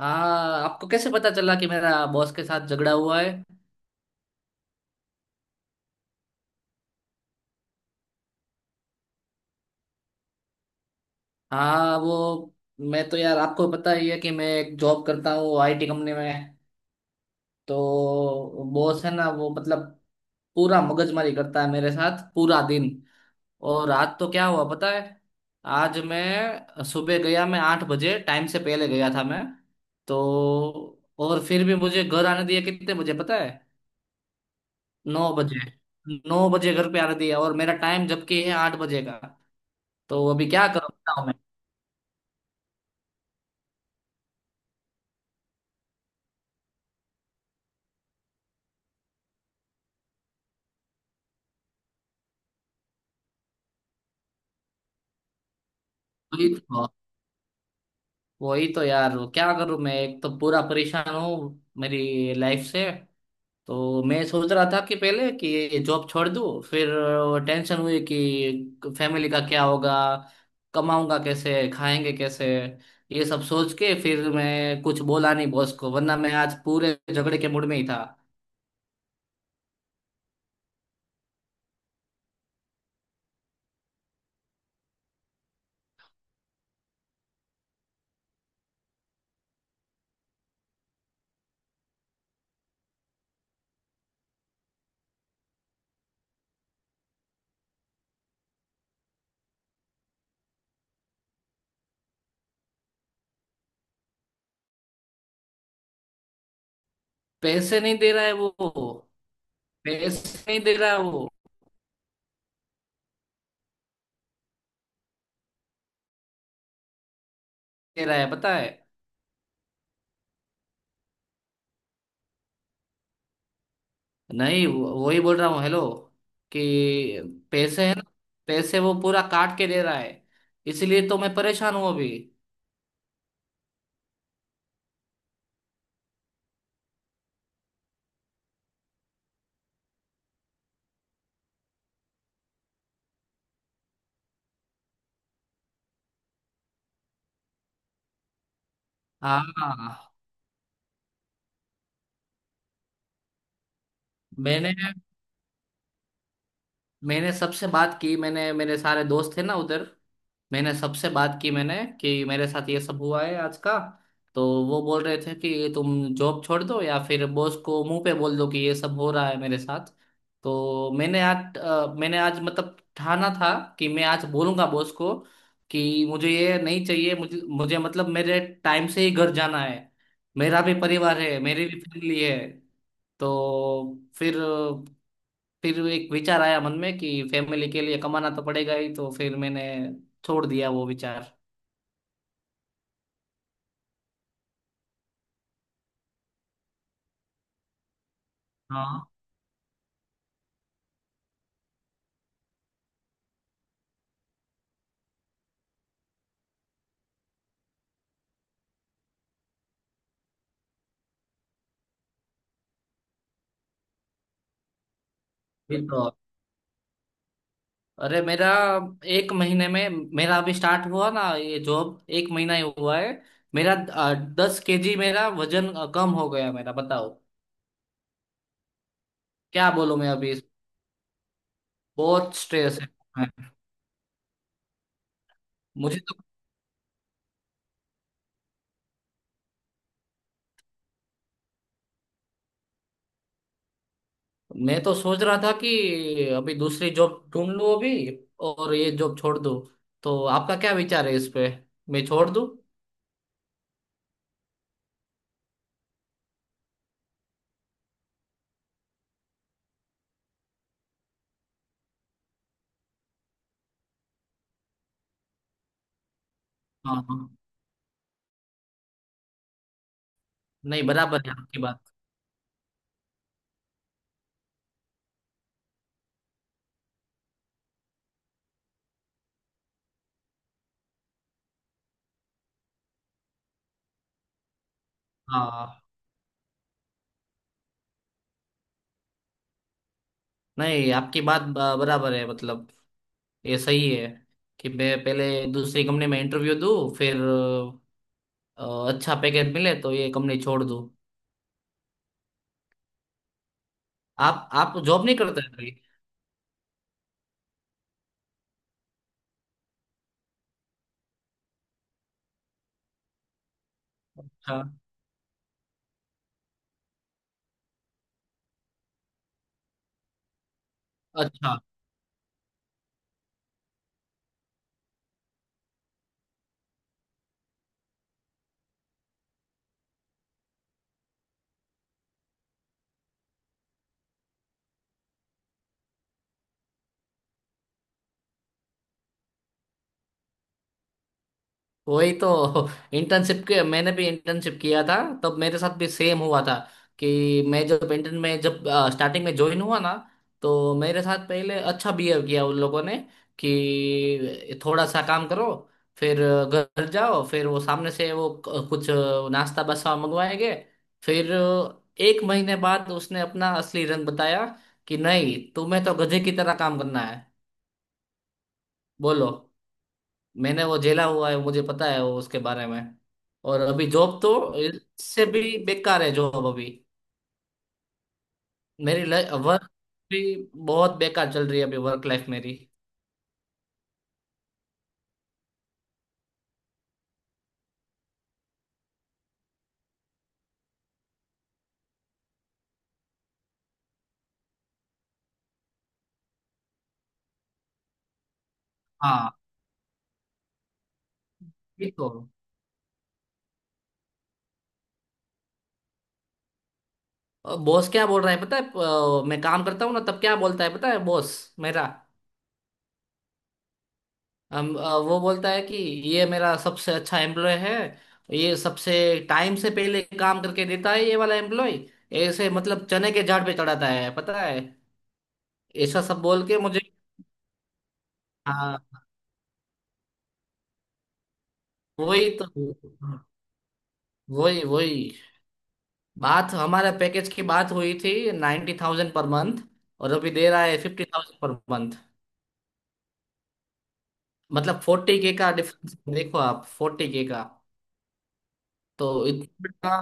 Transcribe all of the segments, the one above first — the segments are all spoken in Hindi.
हाँ, आपको कैसे पता चला कि मेरा बॉस के साथ झगड़ा हुआ है? हाँ, वो मैं तो, यार, आपको पता ही है कि मैं एक जॉब करता हूँ आईटी कंपनी में। तो बॉस है ना, वो मतलब पूरा मगजमारी करता है मेरे साथ पूरा दिन और रात। तो क्या हुआ पता है? आज मैं सुबह गया, मैं 8 बजे टाइम से पहले गया था मैं। तो और फिर भी मुझे घर आने दिया कितने बजे पता है? 9 बजे। 9 बजे घर पे आने दिया, और मेरा टाइम जबकि है 8 बजे का। तो अभी क्या करूँ बताओ मैं? वही तो। वही तो, यार, क्या करूँ मैं? एक तो पूरा परेशान हूँ मेरी लाइफ से। तो मैं सोच रहा था कि पहले कि ये जॉब छोड़ दूँ, फिर टेंशन हुई कि फैमिली का क्या होगा, कमाऊंगा कैसे, खाएंगे कैसे। ये सब सोच के फिर मैं कुछ बोला नहीं बॉस को, वरना मैं आज पूरे झगड़े के मूड में ही था। पैसे नहीं दे रहा है वो। पैसे नहीं दे रहा है वो। दे रहा है पता है? नहीं, वही बोल रहा हूँ। हेलो? कि पैसे है ना, पैसे वो पूरा काट के दे रहा है। इसलिए तो मैं परेशान हूँ अभी। हाँ। मैंने मैंने सबसे बात की, मैंने, मेरे सारे दोस्त थे ना उधर, मैंने सबसे बात की मैंने कि मेरे साथ ये सब हुआ है आज का। तो वो बोल रहे थे कि तुम जॉब छोड़ दो या फिर बॉस को मुंह पे बोल दो कि ये सब हो रहा है मेरे साथ। तो मैंने आज मतलब ठाना था कि मैं आज बोलूंगा बॉस को कि मुझे ये नहीं चाहिए। मुझे मुझे मतलब मेरे टाइम से ही घर जाना है। मेरा भी परिवार है, मेरी भी फैमिली है। तो फिर एक विचार आया मन में कि फैमिली के लिए कमाना तो पड़ेगा ही, तो फिर मैंने छोड़ दिया वो विचार। हाँ। ये तो, अरे मेरा एक महीने में, मेरा अभी स्टार्ट हुआ ना ये जॉब, एक महीना ही हुआ है मेरा। 10 केजी मेरा वजन कम हो गया मेरा, बताओ। क्या बोलूं मैं अभी? बहुत स्ट्रेस है। मुझे तो, मैं तो सोच रहा था कि अभी दूसरी जॉब ढूंढ लूं अभी और ये जॉब छोड़ दूं। तो आपका क्या विचार है इस पे, मैं छोड़ दूं? हाँ, हाँ। नहीं, बराबर है आपकी बात। हाँ, नहीं, आपकी बात बराबर है मतलब। ये सही है कि मैं पहले दूसरी कंपनी में इंटरव्यू दूँ, फिर अच्छा पैकेज मिले तो ये कंपनी छोड़ दूँ। आप जॉब नहीं करते हैं अभी? अच्छा। अच्छा। वही तो। इंटर्नशिप के, मैंने भी इंटर्नशिप किया था, तब मेरे साथ भी सेम हुआ था। कि मैं जब इंटर्न में, जब स्टार्टिंग में ज्वाइन हुआ ना, तो मेरे साथ पहले अच्छा बिहेव किया उन लोगों ने कि थोड़ा सा काम करो, फिर घर जाओ, फिर वो सामने से, कुछ नाश्ता बसा मंगवाएंगे। फिर एक महीने बाद उसने अपना असली रंग बताया कि नहीं, तुम्हें तो गधे की तरह काम करना है। बोलो। मैंने वो झेला हुआ है, मुझे पता है वो उसके बारे में। और अभी जॉब तो इससे भी बेकार है, जॉब अभी। मेरी वर्क भी बहुत बेकार चल रही है अभी, वर्क लाइफ मेरी। हाँ। ये तो, बॉस क्या बोल रहा है पता है? मैं काम करता हूँ ना तब क्या बोलता है पता है, बॉस मेरा? वो बोलता है कि ये मेरा सबसे अच्छा एम्प्लॉय है, ये सबसे टाइम से पहले काम करके देता है, ये वाला एम्प्लॉय। ऐसे मतलब चने के झाड़ पे चढ़ाता है पता है, ऐसा सब बोल के मुझे। हाँ। वही तो। वही वही बात, हमारा पैकेज की बात हुई थी 90,000 पर मंथ, और अभी दे रहा है 50,000 पर मंथ। मतलब 40K का डिफरेंस, देखो आप, 40K का। तो इतना।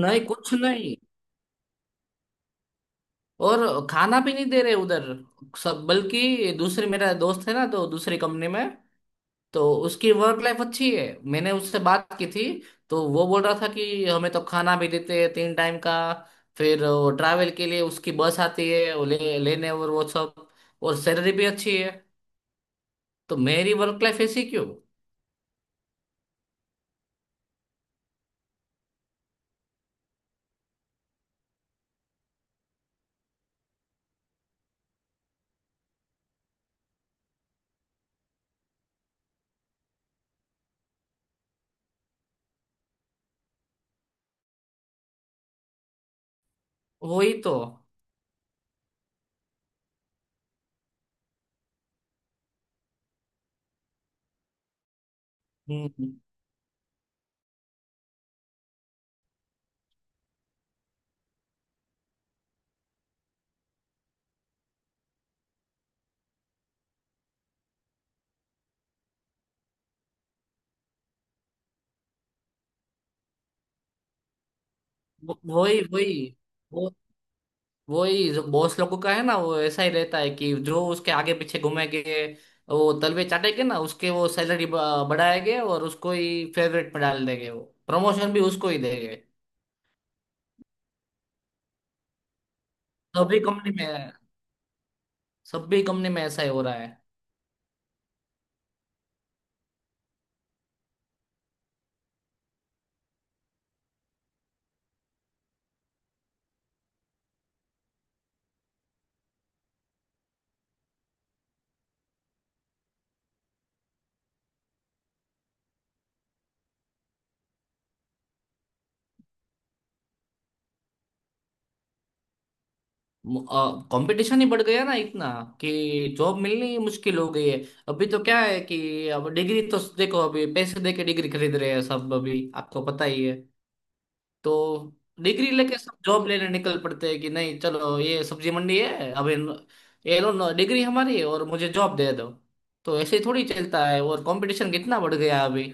नहीं, कुछ नहीं। और खाना भी नहीं दे रहे उधर। सब बल्कि, दूसरे, मेरा दोस्त है ना तो दूसरी कंपनी में, तो उसकी वर्क लाइफ अच्छी है, मैंने उससे बात की थी। तो वो बोल रहा था कि हमें तो खाना भी देते हैं 3 टाइम का, फिर वो ट्रैवल के लिए उसकी बस आती है, वो ले लेने और वो सब, और सैलरी भी अच्छी है। तो मेरी वर्क लाइफ ऐसी क्यों? वही तो। हम्म। वो- वही वही वो वही जो बॉस लोगों का है ना, वो ऐसा ही रहता है कि जो उसके आगे पीछे घूमेंगे, वो तलवे चाटेंगे ना उसके, वो सैलरी बढ़ाएंगे और उसको ही फेवरेट में डाल देंगे वो, प्रमोशन भी उसको ही देंगे। सभी कंपनी में, सभी कंपनी में ऐसा ही हो रहा है। कंपटीशन ही बढ़ गया ना इतना कि जॉब मिलनी ही मुश्किल हो गई है। अभी तो क्या है कि अब डिग्री तो देखो, अभी पैसे देके डिग्री खरीद रहे हैं सब अभी, आपको पता ही है। तो डिग्री लेके सब जॉब लेने निकल पड़ते हैं कि नहीं, चलो ये सब्जी मंडी है अभी, ये लो, डिग्री हमारी है और मुझे जॉब दे दो। तो ऐसे ही थोड़ी चलता है, और कंपटीशन कितना बढ़ गया अभी।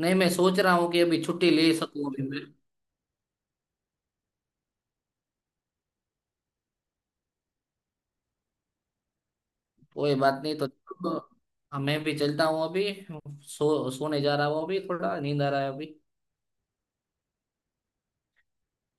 नहीं, मैं सोच रहा हूँ कि अभी छुट्टी ले सकूँ अभी। कोई बात नहीं, तो अब मैं भी चलता हूँ अभी, सो सोने जा रहा हूँ अभी, थोड़ा नींद आ रहा है अभी।